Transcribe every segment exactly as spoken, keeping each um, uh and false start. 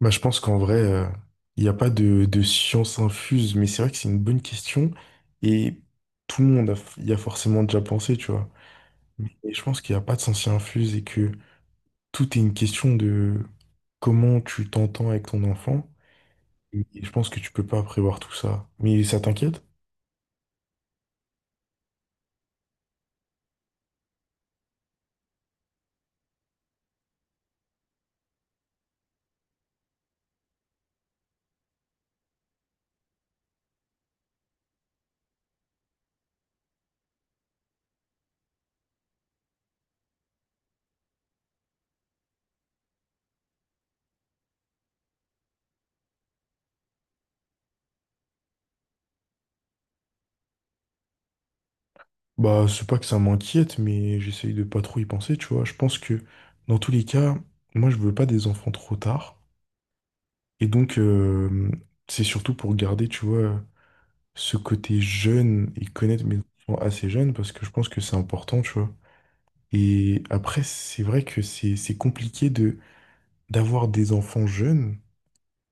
Bah, je pense qu'en vrai, euh, il n'y a pas de, de science infuse, mais c'est vrai que c'est une bonne question et tout le monde a- y a forcément déjà pensé, tu vois. Et je pense qu'il n'y a pas de science infuse et que tout est une question de comment tu t'entends avec ton enfant. Et je pense que tu peux pas prévoir tout ça. Mais ça t'inquiète? Bah, c'est pas que ça m'inquiète, mais j'essaye de pas trop y penser, tu vois. Je pense que dans tous les cas, moi, je veux pas des enfants trop tard. Et donc, euh, c'est surtout pour garder, tu vois, ce côté jeune et connaître mes enfants assez jeunes parce que je pense que c'est important, tu vois. Et après, c'est vrai que c'est c'est compliqué de d'avoir des enfants jeunes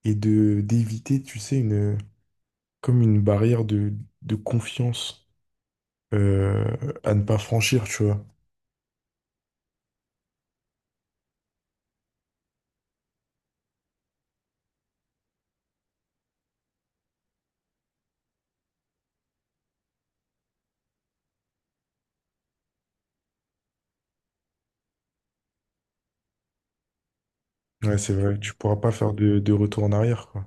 et de d'éviter, tu sais, une comme une barrière de, de confiance euh, à ne pas franchir, tu vois. Ouais, c'est vrai, tu pourras pas faire de, de retour en arrière, quoi.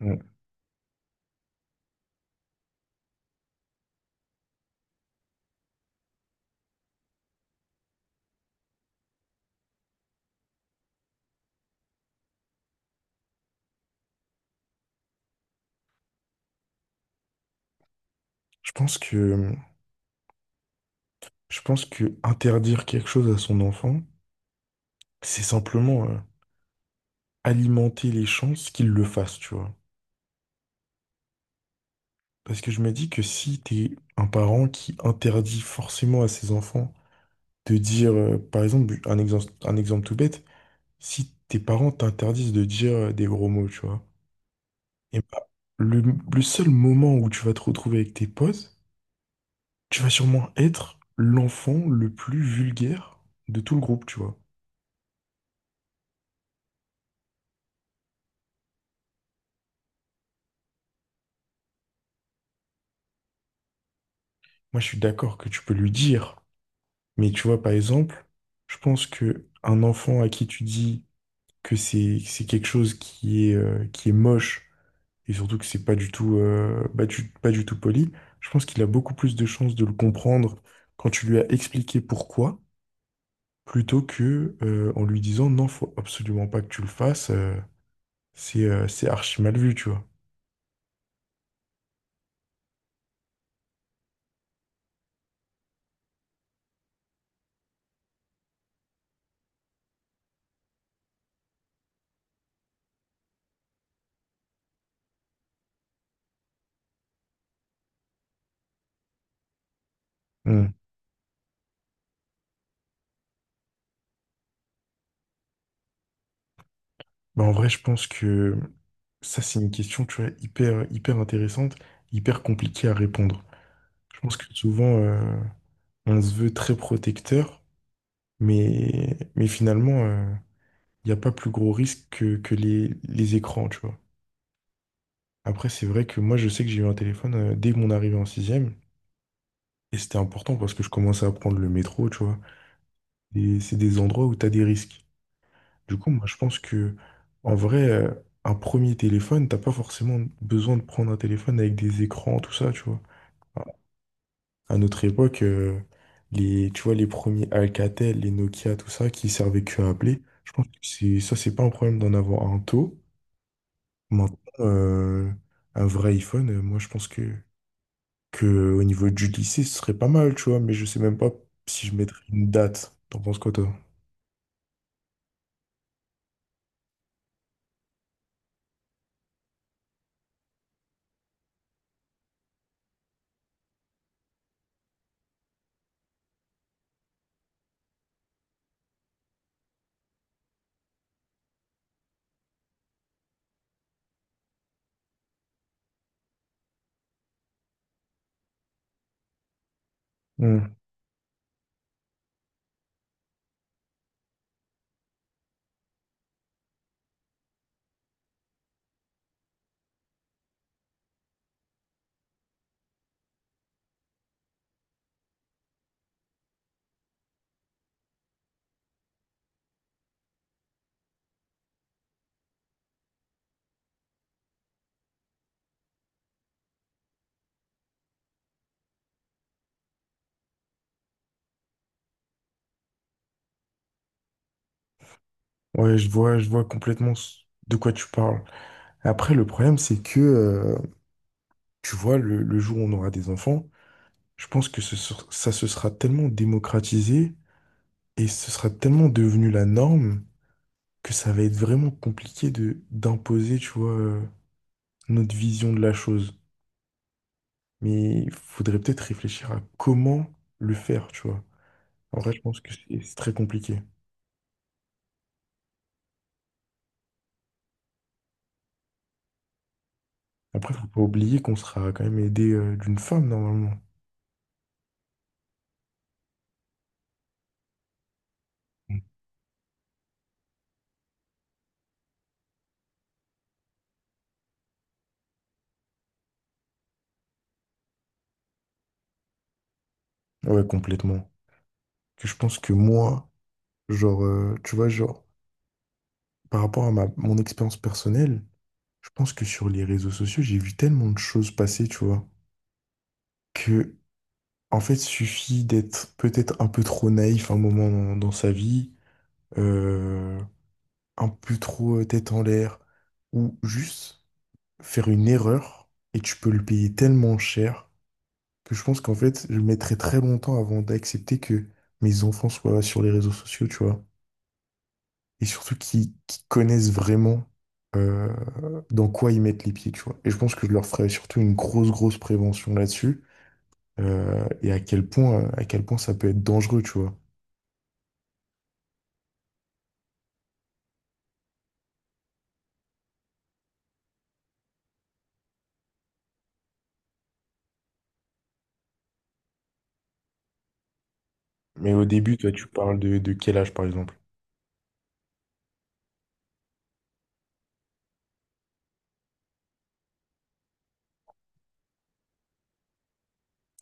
Ouais. Je pense que je pense que interdire quelque chose à son enfant, c'est simplement euh, alimenter les chances qu'il le fasse, tu vois. Parce que je me dis que si t'es un parent qui interdit forcément à ses enfants de dire, euh, par exemple, un exemple, un exemple tout bête, si tes parents t'interdisent de dire euh, des gros mots, tu vois, et bah, le, le seul moment où tu vas te retrouver avec tes potes, tu vas sûrement être l'enfant le plus vulgaire de tout le groupe, tu vois. Moi, je suis d'accord que tu peux lui dire, mais tu vois, par exemple, je pense que un enfant à qui tu dis que c'est c'est quelque chose qui est, euh, qui est moche, et surtout que c'est pas du tout, euh, pas du, pas du tout poli, je pense qu'il a beaucoup plus de chances de le comprendre quand tu lui as expliqué pourquoi, plutôt que euh, en lui disant non, faut absolument pas que tu le fasses, euh, c'est euh, c'est archi mal vu, tu vois. Hmm. Bah, en vrai, je pense que ça, c'est une question, tu vois, hyper, hyper intéressante, hyper compliquée à répondre. Je pense que souvent, euh, on se veut très protecteur, mais, mais finalement, euh, il n'y a pas plus gros risque que, que les, les écrans, tu vois. Après, c'est vrai que moi, je sais que j'ai eu un téléphone euh, dès mon arrivée en sixième. Et c'était important parce que je commençais à prendre le métro, tu vois. Et c'est des endroits où tu as des risques. Du coup, moi, je pense que, en vrai, euh, un premier téléphone, t'as pas forcément besoin de prendre un téléphone avec des écrans, tout ça, tu vois. À notre époque, euh, les, tu vois, les premiers Alcatel, les Nokia, tout ça, qui servaient que à appeler, je pense que c'est, ça, c'est pas un problème d'en avoir un tôt. Maintenant, euh, un vrai iPhone, euh, moi, je pense que que au niveau du lycée, ce serait pas mal, tu vois, mais je sais même pas si je mettrais une date. T'en penses quoi, toi? Hmm. Ouais, je vois, je vois complètement ce- de quoi tu parles. Après, le problème, c'est que, euh, tu vois, le, le jour où on aura des enfants, je pense que ce ser- ça se sera tellement démocratisé et ce sera tellement devenu la norme que ça va être vraiment compliqué de d'imposer, tu vois, euh, notre vision de la chose. Mais il faudrait peut-être réfléchir à comment le faire, tu vois. En vrai, je pense que c'est c'est très compliqué. Après, faut pas oublier qu'on sera quand même aidé euh, d'une femme normalement. Mm. Ouais, complètement. Que je pense que moi, genre, euh, tu vois, genre, par rapport à ma, mon expérience personnelle, je pense que sur les réseaux sociaux, j'ai vu tellement de choses passer, tu vois, que, en fait, suffit d'être peut-être un peu trop naïf un moment dans, dans sa vie, euh, un peu trop euh, tête en l'air, ou juste faire une erreur et tu peux le payer tellement cher que je pense qu'en fait, je mettrai très longtemps avant d'accepter que mes enfants soient sur les réseaux sociaux, tu vois. Et surtout qu'ils qu'ils connaissent vraiment euh, dans quoi ils mettent les pieds, tu vois. Et je pense que je leur ferai surtout une grosse, grosse prévention là-dessus euh, et à quel point, à quel point ça peut être dangereux, tu vois. Mais au début, toi, tu parles de, de quel âge, par exemple?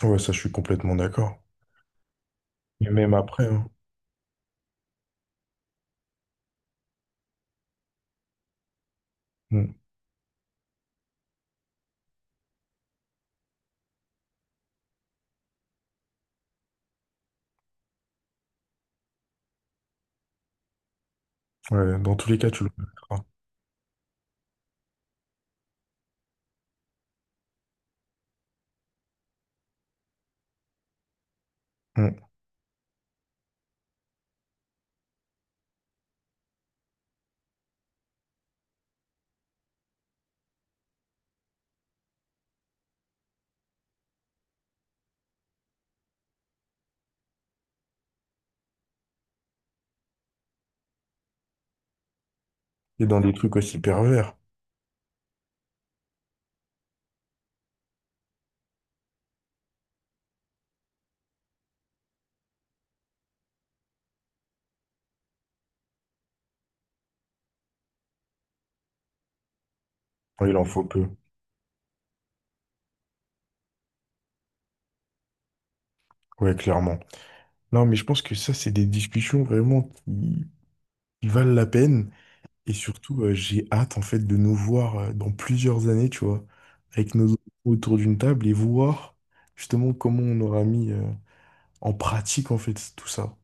Ouais, ça, je suis complètement d'accord. Et même après, hein. Mm. Ouais, dans tous les cas, tu le connaîtras. Mm. Et dans des trucs aussi pervers. Ouais, il en faut peu. Ouais, clairement. Non, mais je pense que ça, c'est des discussions vraiment qui, qui valent la peine. Et surtout, euh, j'ai hâte, en fait, de nous voir euh, dans plusieurs années, tu vois, avec nos enfants autour d'une table et voir justement comment on aura mis euh, en pratique, en fait, tout ça.